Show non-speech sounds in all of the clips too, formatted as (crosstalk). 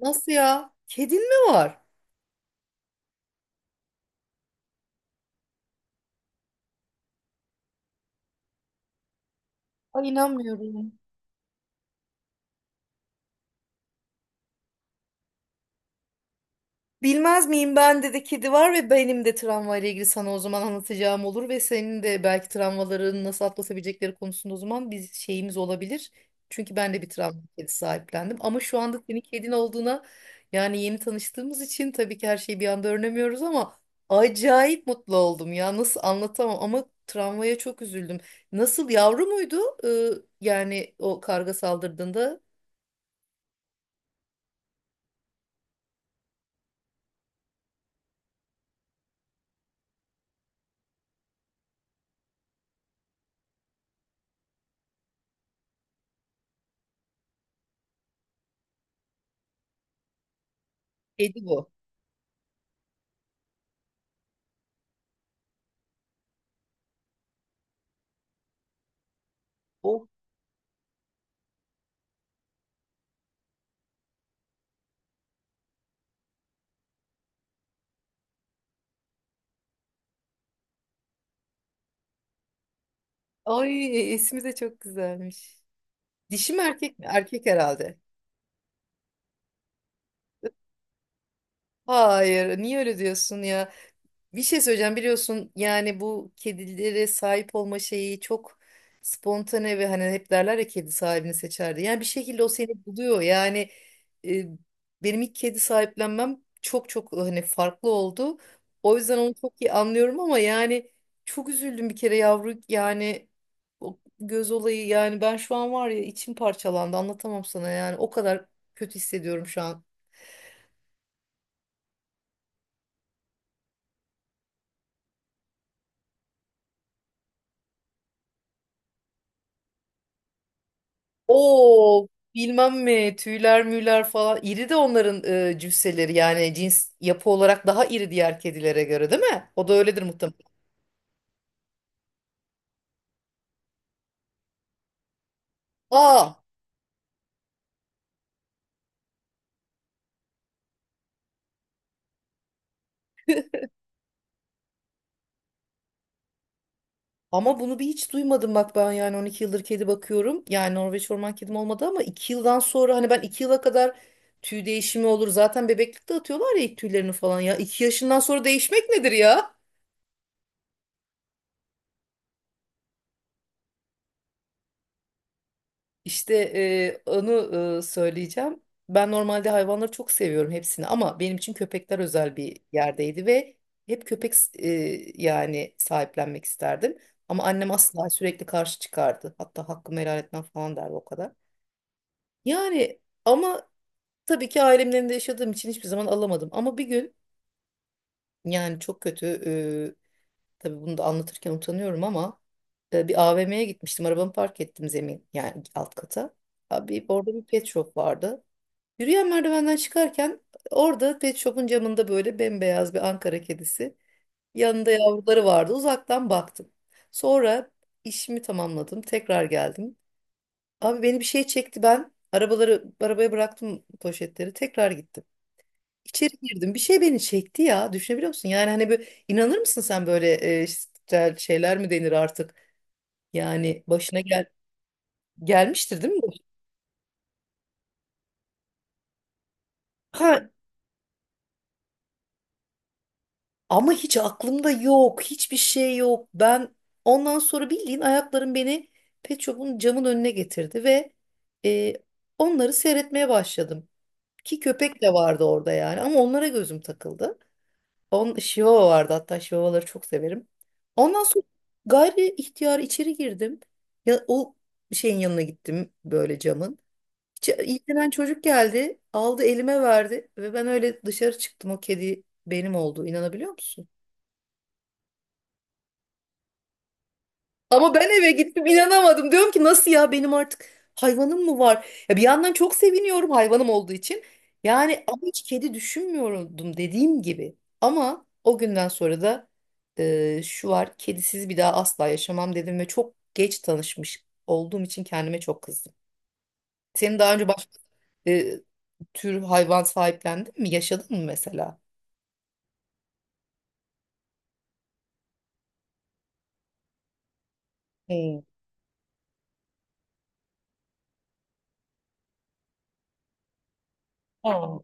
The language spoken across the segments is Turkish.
Nasıl ya? Kedin mi var? Ay inanmıyorum. Bilmez miyim, ben de kedi var ve benim de travmayla ilgili sana o zaman anlatacağım olur ve senin de belki travmaların nasıl atlatabilecekleri konusunda o zaman bir şeyimiz olabilir. Çünkü ben de bir travma kedi sahiplendim ama şu anda senin kedin olduğuna yani yeni tanıştığımız için tabii ki her şeyi bir anda öğrenemiyoruz ama acayip mutlu oldum ya, nasıl anlatamam, ama travmaya çok üzüldüm. Nasıl, yavru muydu? Ee, Yani o karga saldırdığında kedi bu. Oh, ay ismi de çok güzelmiş. Dişi mi erkek mi? Erkek herhalde. Hayır, niye öyle diyorsun ya? Bir şey söyleyeceğim, biliyorsun yani bu kedilere sahip olma şeyi çok spontane ve hani hep derler ya kedi sahibini seçerdi. Yani bir şekilde o seni buluyor yani e, benim ilk kedi sahiplenmem çok hani farklı oldu. O yüzden onu çok iyi anlıyorum ama yani çok üzüldüm bir kere, yavru yani, o göz olayı yani ben şu an var ya içim parçalandı, anlatamam sana, yani o kadar kötü hissediyorum şu an. O, bilmem mi, tüyler müyler falan, iri de onların cüsseleri yani, cins yapı olarak daha iri diğer kedilere göre değil mi? O da öyledir muhtemelen. Aa, ama bunu bir hiç duymadım bak, ben yani 12 yıldır kedi bakıyorum. Yani Norveç orman kedim olmadı ama 2 yıldan sonra hani, ben 2 yıla kadar tüy değişimi olur. Zaten bebeklikte atıyorlar ya ilk tüylerini falan ya. İki yaşından sonra değişmek nedir ya? İşte onu söyleyeceğim. Ben normalde hayvanları çok seviyorum hepsini ama benim için köpekler özel bir yerdeydi ve hep köpek e, yani sahiplenmek isterdim. Ama annem asla, sürekli karşı çıkardı. Hatta hakkımı helal etmem falan derdi, o kadar. Yani ama tabii ki ailemden de yaşadığım için hiçbir zaman alamadım. Ama bir gün yani çok kötü, tabii bunu da anlatırken utanıyorum ama bir AVM'ye gitmiştim. Arabamı park ettim zemin yani alt kata. Abi orada bir pet shop vardı. Yürüyen merdivenden çıkarken orada pet shop'un camında böyle bembeyaz bir Ankara kedisi. Yanında yavruları vardı. Uzaktan baktım. Sonra işimi tamamladım. Tekrar geldim. Abi beni bir şey çekti ben. Arabaları, arabaya bıraktım poşetleri. Tekrar gittim. İçeri girdim. Bir şey beni çekti ya. Düşünebiliyor musun? Yani hani böyle inanır mısın sen böyle işte şeyler mi denir artık? Yani başına gel gelmiştir değil mi bu? Ha, ama hiç aklımda yok. Hiçbir şey yok. Ben ondan sonra bildiğin ayaklarım beni Pet Shop'un camın önüne getirdi ve e, onları seyretmeye başladım. Ki köpek de vardı orada yani ama onlara gözüm takıldı. On, Şivava vardı hatta, Şivavaları çok severim. Ondan sonra gayri ihtiyar içeri girdim. Ya, o şeyin yanına gittim böyle, camın. Ç- İlgilenen çocuk geldi, aldı, elime verdi ve ben öyle dışarı çıktım, o kedi benim oldu, inanabiliyor musun? Ama ben eve gittim, inanamadım. Diyorum ki nasıl ya, benim artık hayvanım mı var? Ya bir yandan çok seviniyorum hayvanım olduğu için. Yani ama hiç kedi düşünmüyordum, dediğim gibi. Ama o günden sonra da şu var, kedisiz bir daha asla yaşamam dedim ve çok geç tanışmış olduğum için kendime çok kızdım. Senin daha önce başka e, tür hayvan sahiplendin mi? Yaşadın mı mesela? Hmm. Aa.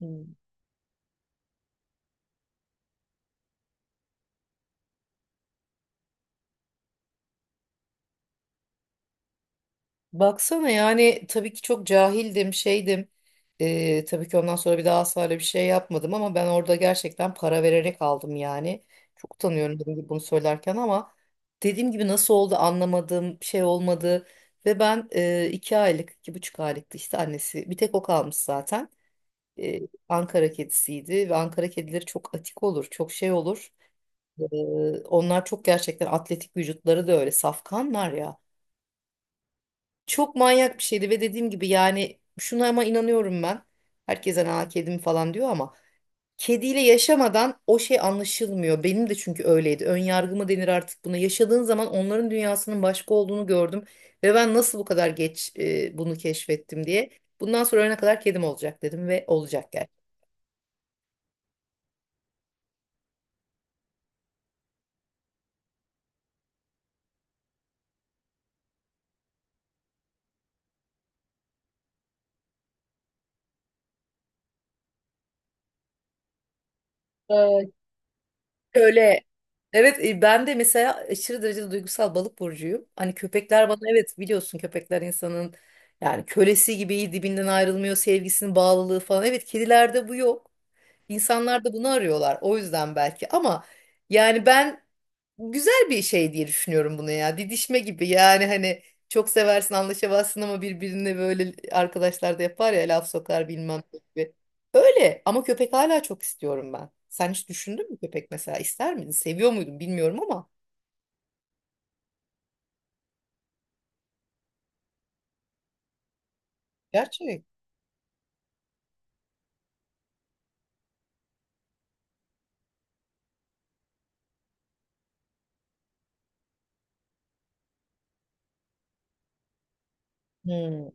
Hmm. Baksana, yani tabii ki çok cahildim, şeydim. Tabii ki ondan sonra bir daha asla öyle bir şey yapmadım ama ben orada gerçekten para vererek aldım yani. Çok utanıyorum dediğim gibi bunu söylerken ama dediğim gibi nasıl oldu anlamadım, şey olmadı. Ve ben iki aylık, iki buçuk aylıktı işte, annesi bir tek o kalmış zaten. Ee, Ankara kedisiydi ve Ankara kedileri çok atik olur, çok şey olur. Ee, Onlar çok gerçekten atletik, vücutları da öyle, safkanlar ya. Çok manyak bir şeydi ve dediğim gibi yani şuna ama inanıyorum ben. Herkese, aa kedim falan diyor ama kediyle yaşamadan o şey anlaşılmıyor. Benim de çünkü öyleydi. Ön yargı mı denir artık buna. Yaşadığın zaman onların dünyasının başka olduğunu gördüm ve ben nasıl bu kadar geç bunu keşfettim diye. Bundan sonra ölene kadar kedim olacak dedim ve olacak gerçekten. Şöyle, evet ben de mesela aşırı derecede duygusal, balık burcuyum. Hani köpekler bana, evet biliyorsun, köpekler insanın yani kölesi gibi iyi, dibinden ayrılmıyor, sevgisinin bağlılığı falan. Evet, kedilerde bu yok. İnsanlar da bunu arıyorlar o yüzden belki ama yani ben güzel bir şey diye düşünüyorum bunu ya. Didişme gibi yani, hani çok seversin, anlaşamazsın ama birbirine, böyle arkadaşlar da yapar ya laf sokar bilmem ne gibi. Öyle, ama köpek hala çok istiyorum ben. Sen hiç düşündün mü köpek mesela, ister miydin? Seviyor muydun, bilmiyorum ama. Gerçek. Hmm.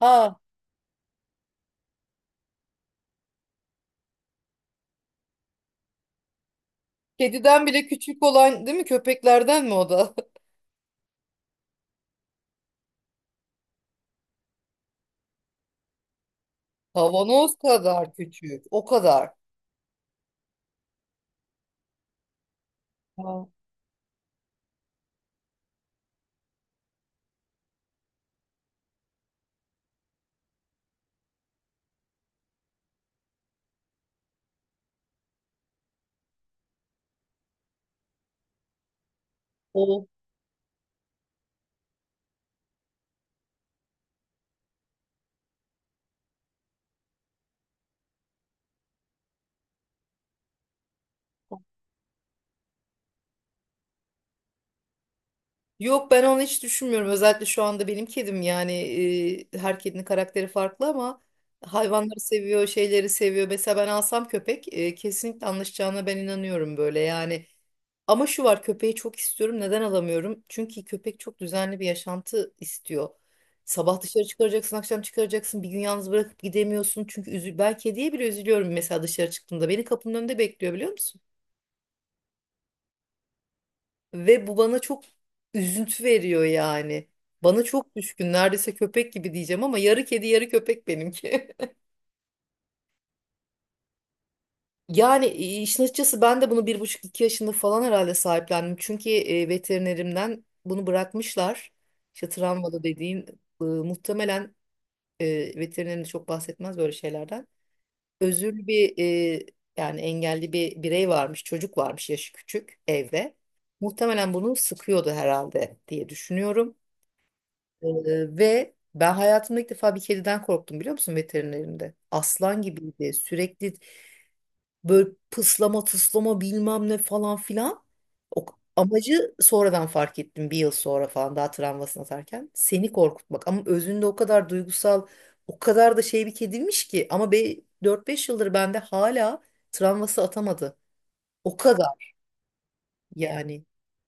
Ha, kediden bile küçük olan değil mi? Köpeklerden mi o da? (laughs) Kavanoz kadar küçük. O kadar. Aa. O, yok, ben onu hiç düşünmüyorum. Özellikle şu anda benim kedim yani her kedinin karakteri farklı ama hayvanları seviyor, şeyleri seviyor. Mesela ben alsam köpek kesinlikle anlaşacağına ben inanıyorum, böyle yani. Ama şu var, köpeği çok istiyorum. Neden alamıyorum? Çünkü köpek çok düzenli bir yaşantı istiyor. Sabah dışarı çıkaracaksın, akşam çıkaracaksın. Bir gün yalnız bırakıp gidemiyorsun. Çünkü ben kediye bile üzülüyorum mesela dışarı çıktığımda. Beni kapının önünde bekliyor, biliyor musun? Ve bu bana çok üzüntü veriyor yani. Bana çok düşkün, neredeyse köpek gibi diyeceğim ama yarı kedi yarı köpek benimki. (laughs) Yani işin açıkçası ben de bunu bir buçuk, iki yaşında falan herhalde sahiplendim. Çünkü veterinerimden bunu bırakmışlar. İşte travmalı dediğin muhtemelen e, veterinerin de çok bahsetmez böyle şeylerden. Özürlü bir e, yani engelli bir birey varmış, çocuk varmış, yaşı küçük evde. Muhtemelen bunu sıkıyordu herhalde diye düşünüyorum. Ee, Ve ben hayatımda ilk defa bir kediden korktum, biliyor musun, veterinerinde. Aslan gibiydi. Sürekli böyle pıslama tıslama bilmem ne falan filan. O, amacı sonradan fark ettim bir yıl sonra falan, daha travmasını atarken. Seni korkutmak, ama özünde o kadar duygusal, o kadar da şey bir kediymiş ki. Ama be, 4-5 yıldır bende hala travması atamadı. O kadar yani.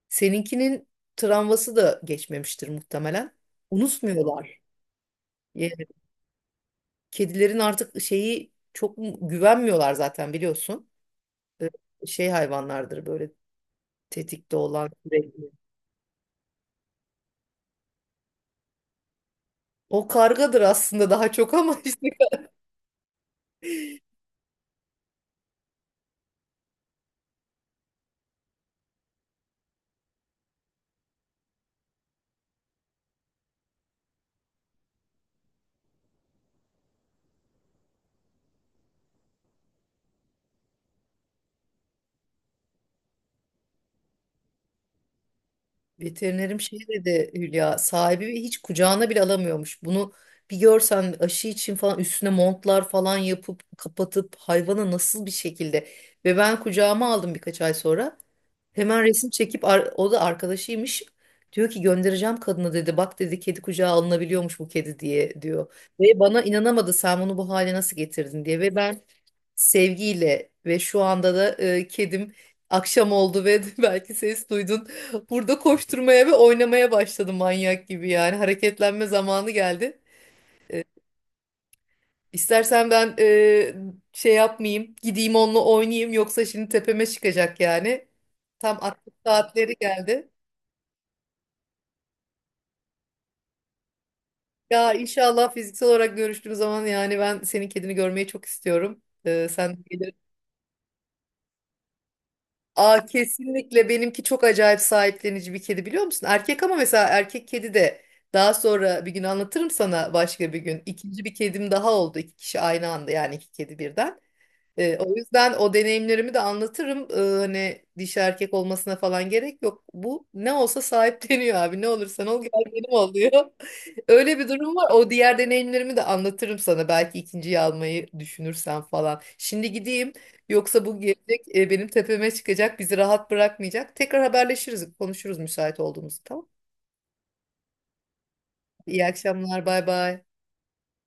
Seninkinin travması da geçmemiştir muhtemelen. Unutmuyorlar. Kedilerin artık şeyi çok güvenmiyorlar zaten biliyorsun. Şey hayvanlardır böyle, tetikte olan sürekli. O kargadır aslında daha çok ama, (laughs) işte veterinerim şey dedi, Hülya, sahibi hiç kucağına bile alamıyormuş. Bunu bir görsen, aşı için falan üstüne montlar falan yapıp kapatıp hayvana nasıl bir şekilde, ve ben kucağıma aldım birkaç ay sonra. Hemen resim çekip o da arkadaşıymış. Diyor ki göndereceğim kadına, dedi. Bak, dedi, kedi kucağa alınabiliyormuş, bu kedi, diye diyor. Ve bana inanamadı, sen bunu bu hale nasıl getirdin diye. Ve ben sevgiyle ve şu anda da kedim, akşam oldu ve (laughs) belki ses duydun. Burada koşturmaya ve oynamaya başladı manyak gibi yani. Hareketlenme zamanı geldi. İstersen ben şey yapmayayım, gideyim onunla oynayayım yoksa şimdi tepeme çıkacak yani. Tam aklı saatleri geldi. Ya inşallah fiziksel olarak görüştüğümüz zaman yani ben senin kedini görmeyi çok istiyorum. Sen de gelir. Aa kesinlikle, benimki çok acayip sahiplenici bir kedi, biliyor musun? Erkek, ama mesela erkek kedi de, daha sonra bir gün anlatırım sana, başka bir gün. İkinci bir kedim daha oldu. İki kişi aynı anda yani, iki kedi birden. O yüzden o deneyimlerimi de anlatırım. Hani dişi erkek olmasına falan gerek yok. Bu ne olsa sahipleniyor abi. Ne olursan ol, gel benim ol diyor. (laughs) Öyle bir durum var. O diğer deneyimlerimi de anlatırım sana. Belki ikinciyi almayı düşünürsen falan. Şimdi gideyim. Yoksa bu gelecek benim tepeme çıkacak. Bizi rahat bırakmayacak. Tekrar haberleşiriz. Konuşuruz müsait olduğumuzda. Tamam. İyi akşamlar. Bay bay.